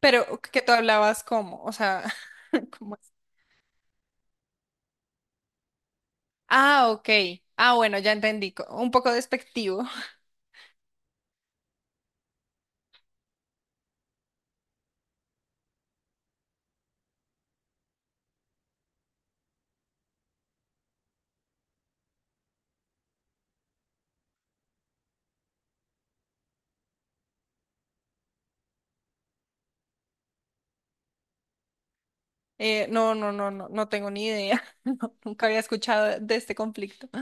Pero que tú hablabas como, o sea, ¿cómo es? Ah, ok. Ah, bueno, ya entendí. Un poco despectivo. No, no, no, no, no tengo ni idea. No, nunca había escuchado de este conflicto.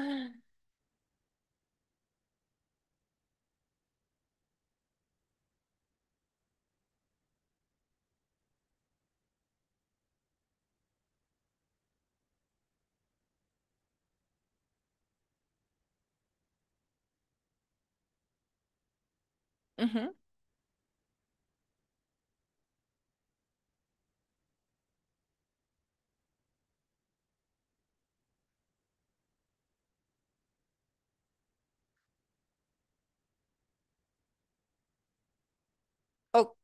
Ujú. O-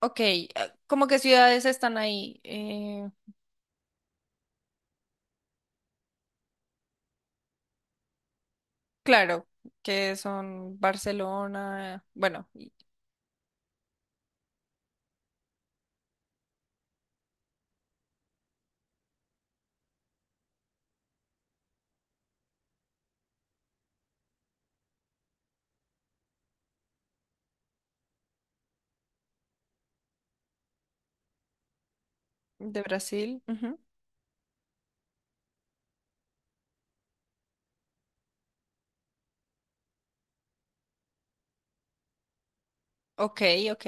ok, ah, ¿cómo que ciudades están ahí? Claro, que son Barcelona, de Brasil. Ujú. Ok, ok.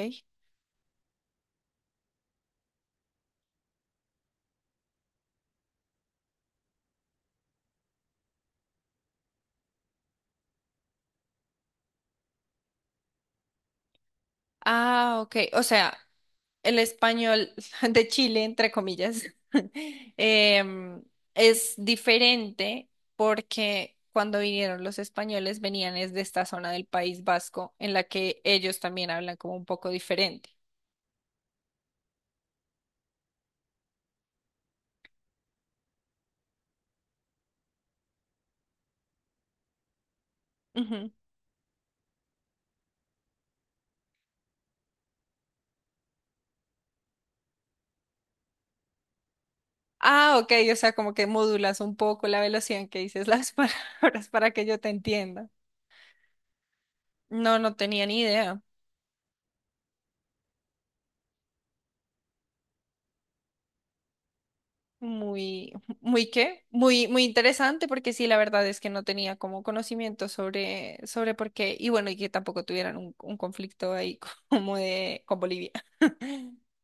Ah, ok. O sea, el español de Chile, entre comillas. em, es diferente porque cuando vinieron los españoles venían desde esta zona del País Vasco, en la que ellos también hablan como un poco diferente. Ujú. Ah, ok. O sea, como que modulas un poco la velocidad en que dices las palabras para que yo te entienda. No, no tenía ni idea. Muy, muy qué, muy, muy interesante, porque sí, la verdad es que no tenía como conocimiento sobre, sobre por qué, y bueno, y que tampoco tuvieran un conflicto ahí como de con Bolivia.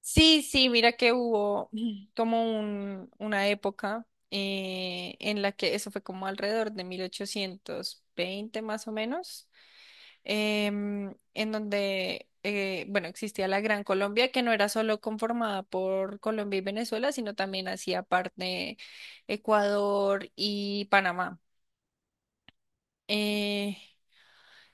Sí, sí, mira que hubo como una época, en la que eso fue como alrededor de 1820 más o menos, en donde, bueno, existía la Gran Colombia, que no era solo conformada por Colombia y Venezuela, sino también hacía parte Ecuador y Panamá. Eh,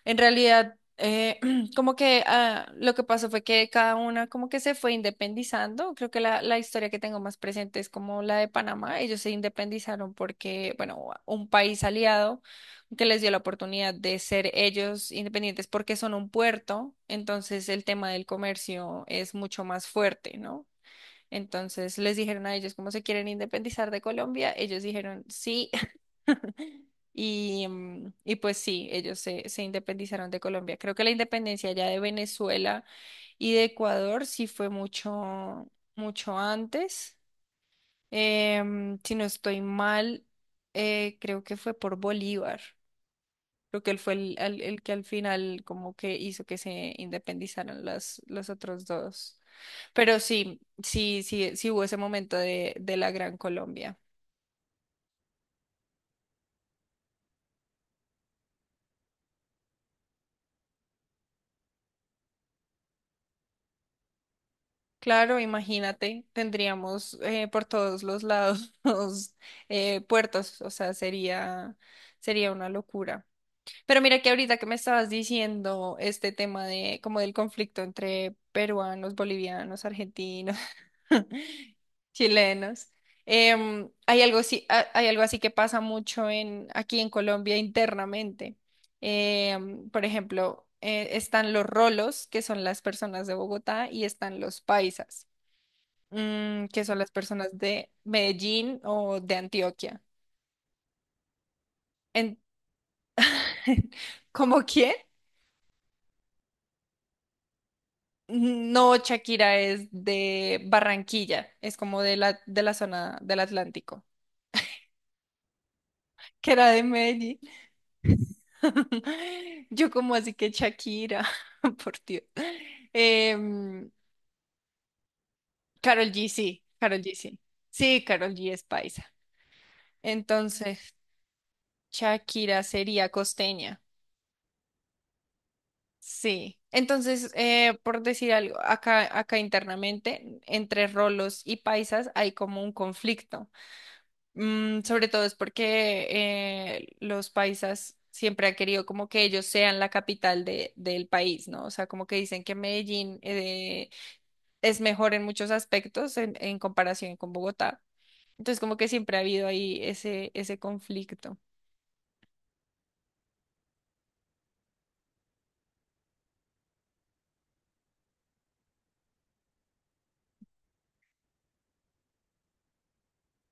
en realidad, como que ah, lo que pasó fue que cada una como que se fue independizando. Creo que la historia que tengo más presente es como la de Panamá. Ellos se independizaron porque, bueno, un país aliado que les dio la oportunidad de ser ellos independientes porque son un puerto. Entonces el tema del comercio es mucho más fuerte, ¿no? Entonces les dijeron a ellos cómo se quieren independizar de Colombia. Ellos dijeron sí. Y, y pues sí, se independizaron de Colombia. Creo que la independencia ya de Venezuela y de Ecuador sí fue mucho, mucho antes. Si no estoy mal, creo que fue por Bolívar. Creo que él fue el que al final como que hizo que se independizaran los otros dos. Pero sí, sí, sí, sí hubo ese momento de la Gran Colombia. Claro, imagínate, tendríamos por todos los lados los, puertos, o sea, sería una locura. Pero mira que ahorita que me estabas diciendo este tema de como del conflicto entre peruanos, bolivianos, argentinos, chilenos. Hay algo así, hay algo así que pasa mucho en, aquí en Colombia internamente. Por ejemplo, están los rolos, que son las personas de Bogotá, y están los paisas, que son las personas de Medellín o de Antioquia. En, ¿cómo quién? No, Shakira es de Barranquilla, es como de de la zona del Atlántico, que era de Medellín. Yo como así que Shakira, por Dios. Em, Karol G, sí, Karol G, sí. Sí, Karol G es paisa. Entonces, Shakira sería costeña. Sí, entonces, por decir algo, acá, acá internamente, entre rolos y paisas hay como un conflicto. Sobre todo es porque los paisas siempre han querido como que ellos sean la capital de, del país, ¿no? O sea, como que dicen que Medellín es mejor en muchos aspectos en comparación con Bogotá. Entonces, como que siempre ha habido ahí ese, ese conflicto.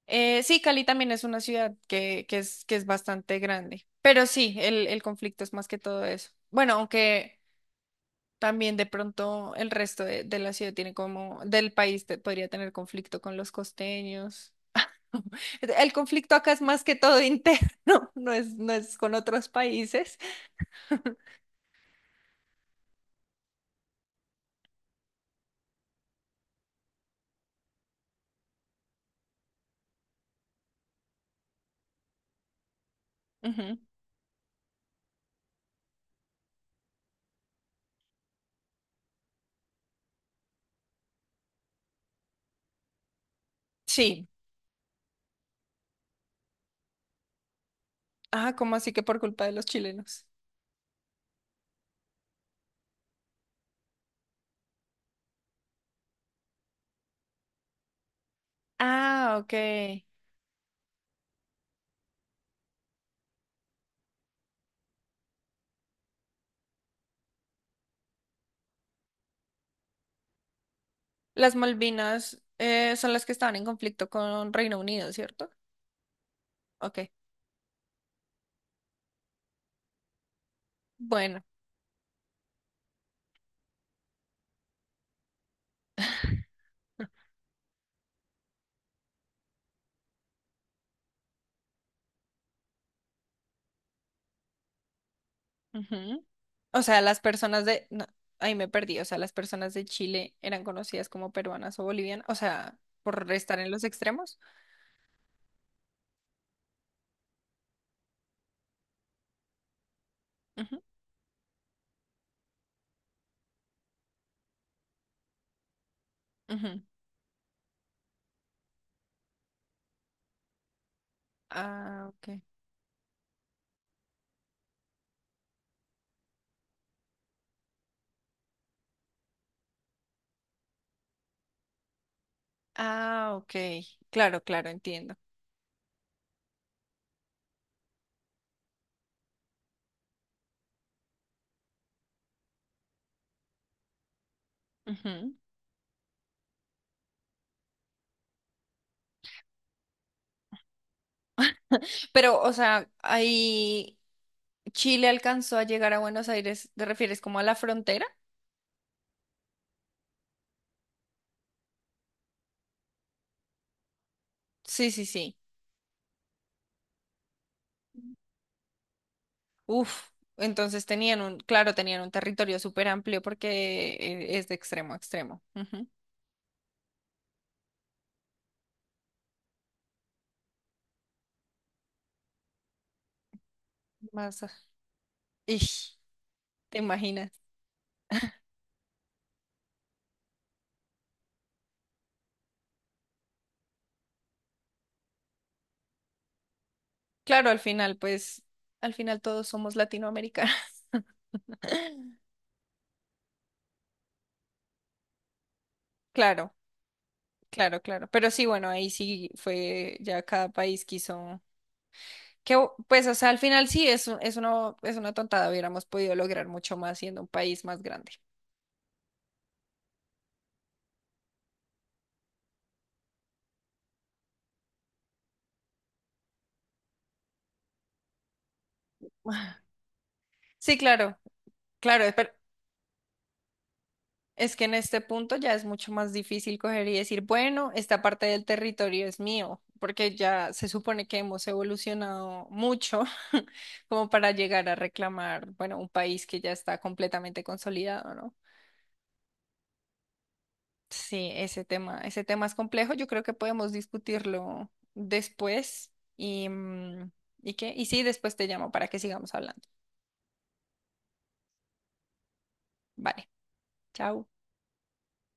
Sí, Cali también es una ciudad que es bastante grande, pero sí, el conflicto es más que todo eso. Bueno, aunque también de pronto el resto de la ciudad tiene como, del país podría tener conflicto con los costeños. El conflicto acá es más que todo interno, no es, no es con otros países. Ujú. Sí. Ah, ¿cómo así que por culpa de los chilenos? Ah, ok. Las Malvinas, son las que estaban en conflicto con Reino Unido, ¿cierto? Ok. Bueno. Ujú. O sea, las personas de... no, ahí me perdí. O sea, las personas de Chile eran conocidas como peruanas o bolivianas. O sea, por estar en los extremos. Ujú, ujú. Ah, ok. Ah, ok. Claro, claro, entiendo. Ujú. Pero, o sea, ahí Chile alcanzó a llegar a Buenos Aires. ¿Te refieres como a la frontera? Sí, sí, sí. Uf. Entonces tenían un, claro, tenían un territorio súper amplio porque es de extremo a extremo. Ujú. Más. Ish, ¿te imaginas? Claro, al final, pues, al final todos somos latinoamericanos. Claro, claro, claro. Pero sí, bueno, ahí sí fue ya cada país quiso. O sea, al final sí es una tontada. Hubiéramos podido lograr mucho más siendo un país más grande. Sí, claro, claro. Es que en este punto ya es mucho más difícil coger y decir, bueno, esta parte del territorio es mío, porque ya se supone que hemos evolucionado mucho como para llegar a reclamar, bueno, un país que ya está completamente consolidado, ¿no? Sí, ese tema es complejo. Yo creo que podemos discutirlo después y, ¿y qué? Y sí, después te llamo para que sigamos hablando. Vale, chao.